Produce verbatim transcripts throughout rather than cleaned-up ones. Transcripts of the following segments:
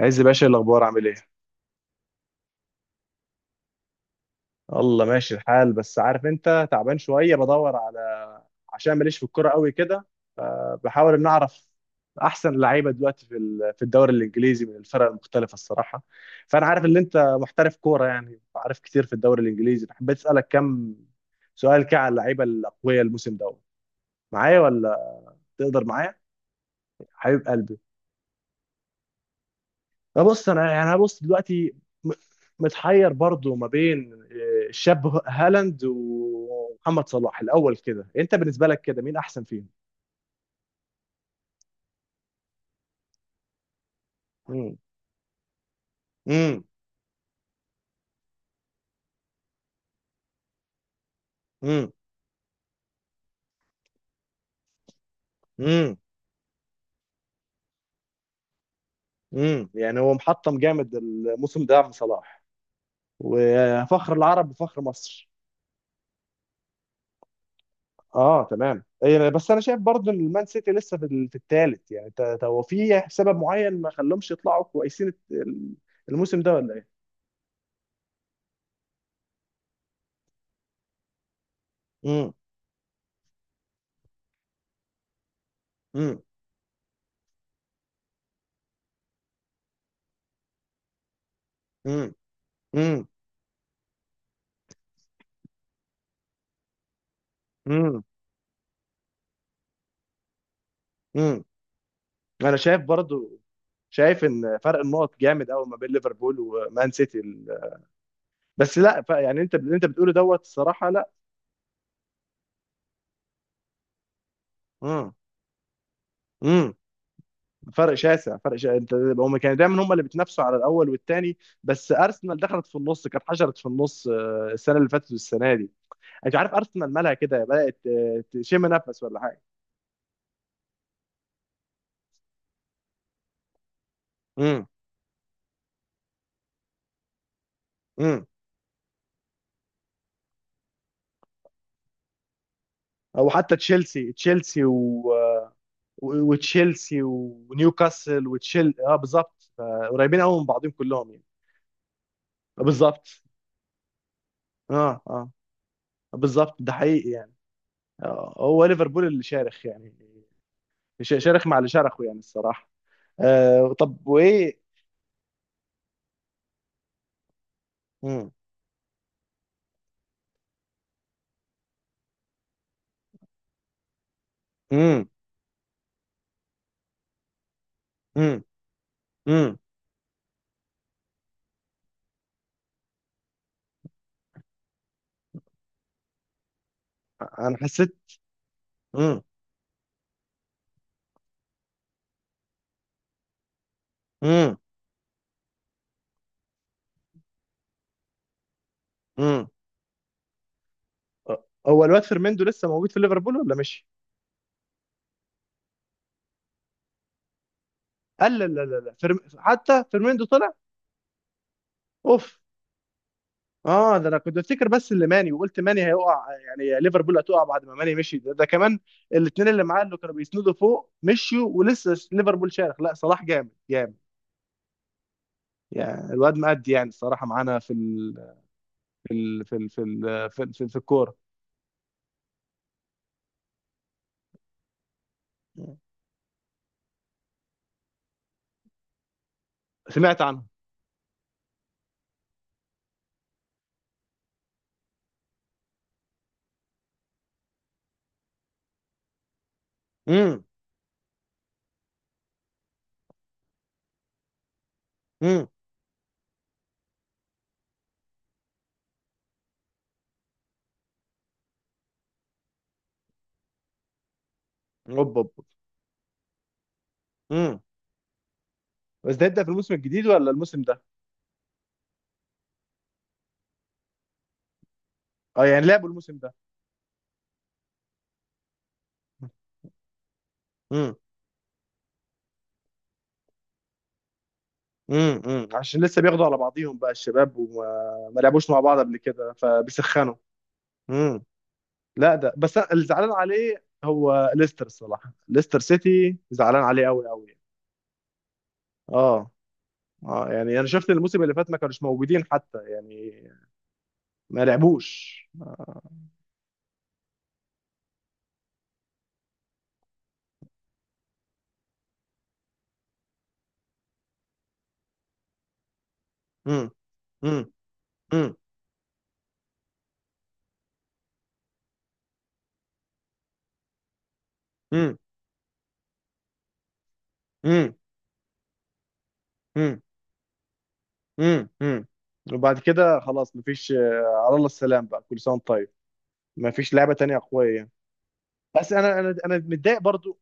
عز باشا، إيه الاخبار؟ عامل ايه؟ الله ماشي الحال، بس عارف انت تعبان شويه بدور على، عشان ماليش في الكوره قوي كده. بحاول ان اعرف احسن لعيبه دلوقتي في ال- في الدوري الانجليزي من الفرق المختلفه الصراحه. فانا عارف ان انت محترف كوره، يعني عارف كتير في الدوري الانجليزي، حبيت اسالك كم سؤال كده على اللعيبه الاقوياء الموسم ده. معايا ولا تقدر معايا؟ حبيب قلبي. لا بص انا يعني انا بص دلوقتي. م- متحير برضو ما بين آه، الشاب هالاند ومحمد صلاح. الاول كده انت بالنسبه لك كده مين احسن فيهم؟ امم امم امم امم امم يعني هو محطم جامد الموسم ده عم صلاح، وفخر العرب وفخر مصر. اه تمام. إيه، بس انا شايف برضو ان المان سيتي لسه في ال- في الثالث، يعني ت- ت- هو في سبب معين ما خلهمش يطلعوا كويسين الت- الموسم ده ولا ايه؟ امم امم امم امم امم انا شايف برضو، شايف ان فرق النقط جامد قوي ما بين ليفربول ومان سيتي ال- بس لا، ف- يعني انت اللي انت بتقوله دوت الصراحه، لا. امم امم فرق شاسع، فرق شاسع. انت هم كانوا دايما هم اللي بيتنافسوا على الاول والثاني، بس ارسنال دخلت في النص، كانت حشرت في النص آه، السنه اللي فاتت والسنه دي. انت عارف ارسنال مالها كده بدات آه، تشم نفس ولا حاجه؟ امم امم او حتى تشيلسي تشيلسي، و- وتشيلسي ونيوكاسل وتشيل اه بالظبط، آه، قريبين قوي من بعضهم كلهم يعني. آه، بالظبط. اه اه، بالظبط، ده حقيقي يعني. آه هو ليفربول اللي شارخ يعني، ش- شارخ مع اللي شرخه يعني الصراحه. آه طب وايه؟ مم. مم. مم. مم. انا حسيت. مم. مم. مم. آه، هو الواد فيرميندو لسه موجود في ليفربول ولا مش؟ لا لا لا لا، فيرم... حتى فيرميندو طلع. اوف. اه، ده انا كنت بفتكر بس اللي ماني، وقلت ماني هيقع، يعني ليفربول هتقع بعد ما ماني مشي، ده, ده كمان الاثنين اللي معاه اللي كانوا بيسندوا فوق مشيوا، ولسه ليفربول شارخ. لا صلاح جامد جامد، يعني الواد مأدي يعني الصراحة معانا في ال في ال في ال في ال في, ال في, في الكورة. سمعت عنه. امم امم اوب اوب امم بس ده يبدأ في الموسم الجديد ولا الموسم ده؟ اه يعني لعبوا الموسم ده. امم امم امم عشان لسه بياخدوا على بعضيهم بقى الشباب، وما ما لعبوش مع بعض قبل كده فبيسخنوا. لا ده بس أنا اللي زعلان عليه هو ليستر الصراحه، ليستر سيتي زعلان عليه قوي قوي. اه اه يعني انا شفت الموسم اللي فات ما كانوش موجودين حتى يعني، ما لعبوش. امم امم امم امم امم امم امم امم وبعد كده خلاص مفيش. آه، على الله السلام بقى، كل سنه وانت طيب. مفيش لعبه تانية قويه. بس انا انا انا متضايق برضو،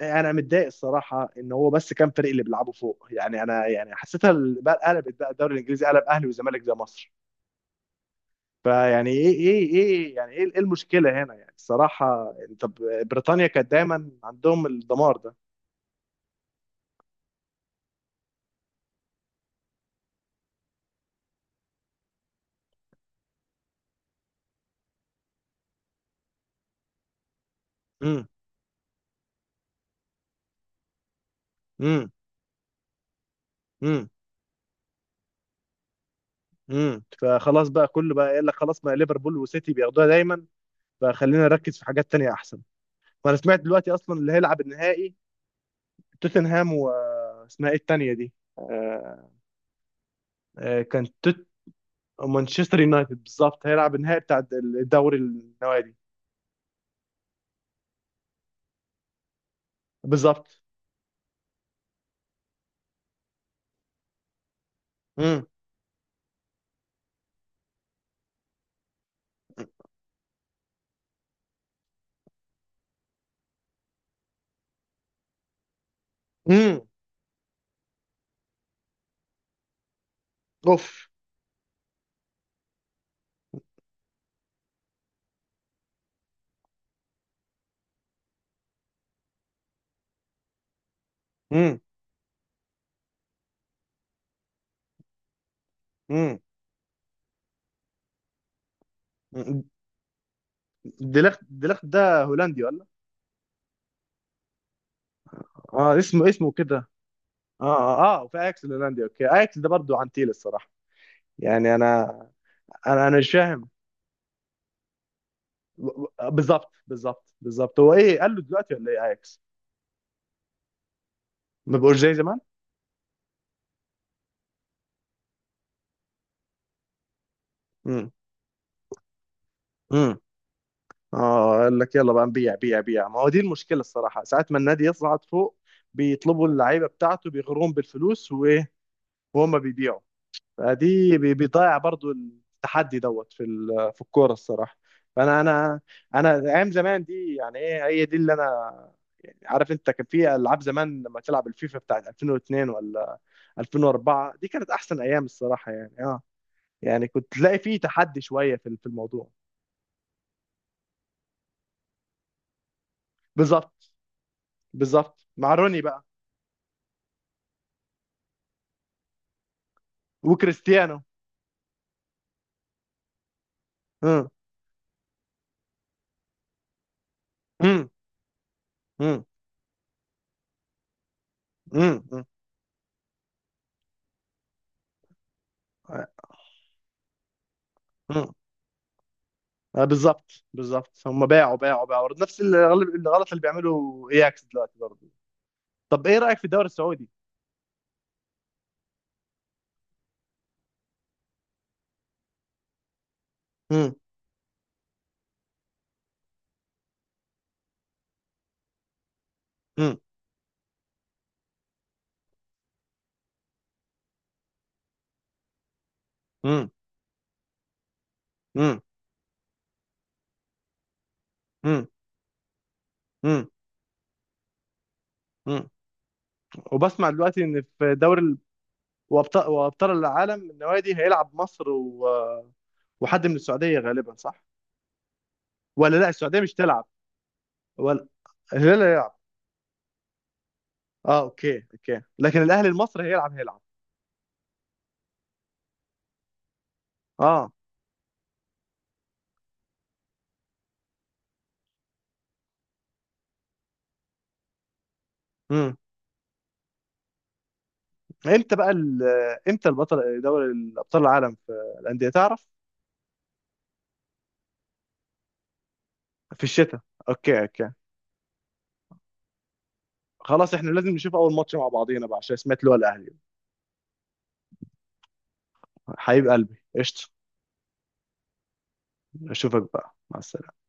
انا متضايق الصراحه ان هو بس كام فريق اللي بيلعبوا فوق يعني. انا يعني حسيتها ال- بقى قلبت بقى الدوري الانجليزي قلب اهلي وزمالك زي مصر. فيعني ايه ايه ايه يعني ايه إيه المشكله هنا يعني الصراحه؟ يعني، طب بريطانيا كانت دايما عندهم الدمار ده. امم امم امم امم فخلاص بقى كله بقى قال لك خلاص، ما ليفربول وسيتي بياخدوها دايما، فخلينا نركز في حاجات تانية احسن. وانا سمعت دلوقتي اصلا اللي هيلعب النهائي توتنهام و، اسمها ايه التانية دي؟ آه، آه، كانت توت... مانشستر يونايتد بالظبط، هيلعب النهائي بتاع الدوري النوادي. بالظبط. امم امم اوف. امم امم ديليخت، ديليخت ده هولندي ولا؟ اه اسمه اسمه كده. اه اه اه، وفي اياكس الهولندي. اوكي، اياكس ده برضه عنتيل الصراحه، يعني انا انا انا مش فاهم. بالظبط بالظبط بالظبط، هو ايه قال له دلوقتي ولا ايه اياكس؟ ما بقوش زي زمان. امم امم اه قال لك يلا بقى نبيع بيع بيع، ما هو دي المشكله الصراحه، ساعات ما النادي يصعد فوق بيطلبوا اللعيبه بتاعته، بيغروهم بالفلوس وايه، وهم بيبيعوا. فدي بي- بيضيع برضو التحدي دوت في ال- في الكوره الصراحه. فانا انا انا ايام زمان دي يعني ايه، هي دي اللي انا، يعني عارف انت كان في العاب زمان لما تلعب الفيفا بتاعت ألفين و اثنين ولا ألفين واربعة، دي كانت احسن ايام الصراحه يعني اه. يعني كنت تلاقي فيه تحدي شويه في في الموضوع. بالظبط بالظبط مع روني بقى، وكريستيانو. امم امم امم امم آه، بالظبط بالظبط، هم باعوا باعوا باعوا نفس الغل- الغلط اللي بيعمله اياكس دلوقتي برضه. طب ايه رايك في الدوري السعودي؟ مم، مم، مم، مم، مم، مم، مم. وبسمع دلوقتي ان في دوري وابطال وابطال العالم النوادي، هيلعب مصر و... وحد من السعوديه غالبا، صح؟ ولا لا السعوديه مش تلعب ولا؟ الهلال هيلعب؟ اه اوكي اوكي، لكن الاهلي المصري هيلعب، هيلعب. اه. امم. امتى بقى ال... امتى البطل دوري الابطال العالم في الانديه، تعرف؟ في الشتاء. اوكي اوكي. خلاص احنا لازم نشوف اول ماتش مع بعضينا بقى، عشان سمعت اللي هو الاهلي. حبيب قلبي، قشطه. اشوفك بقى، مع السلامه.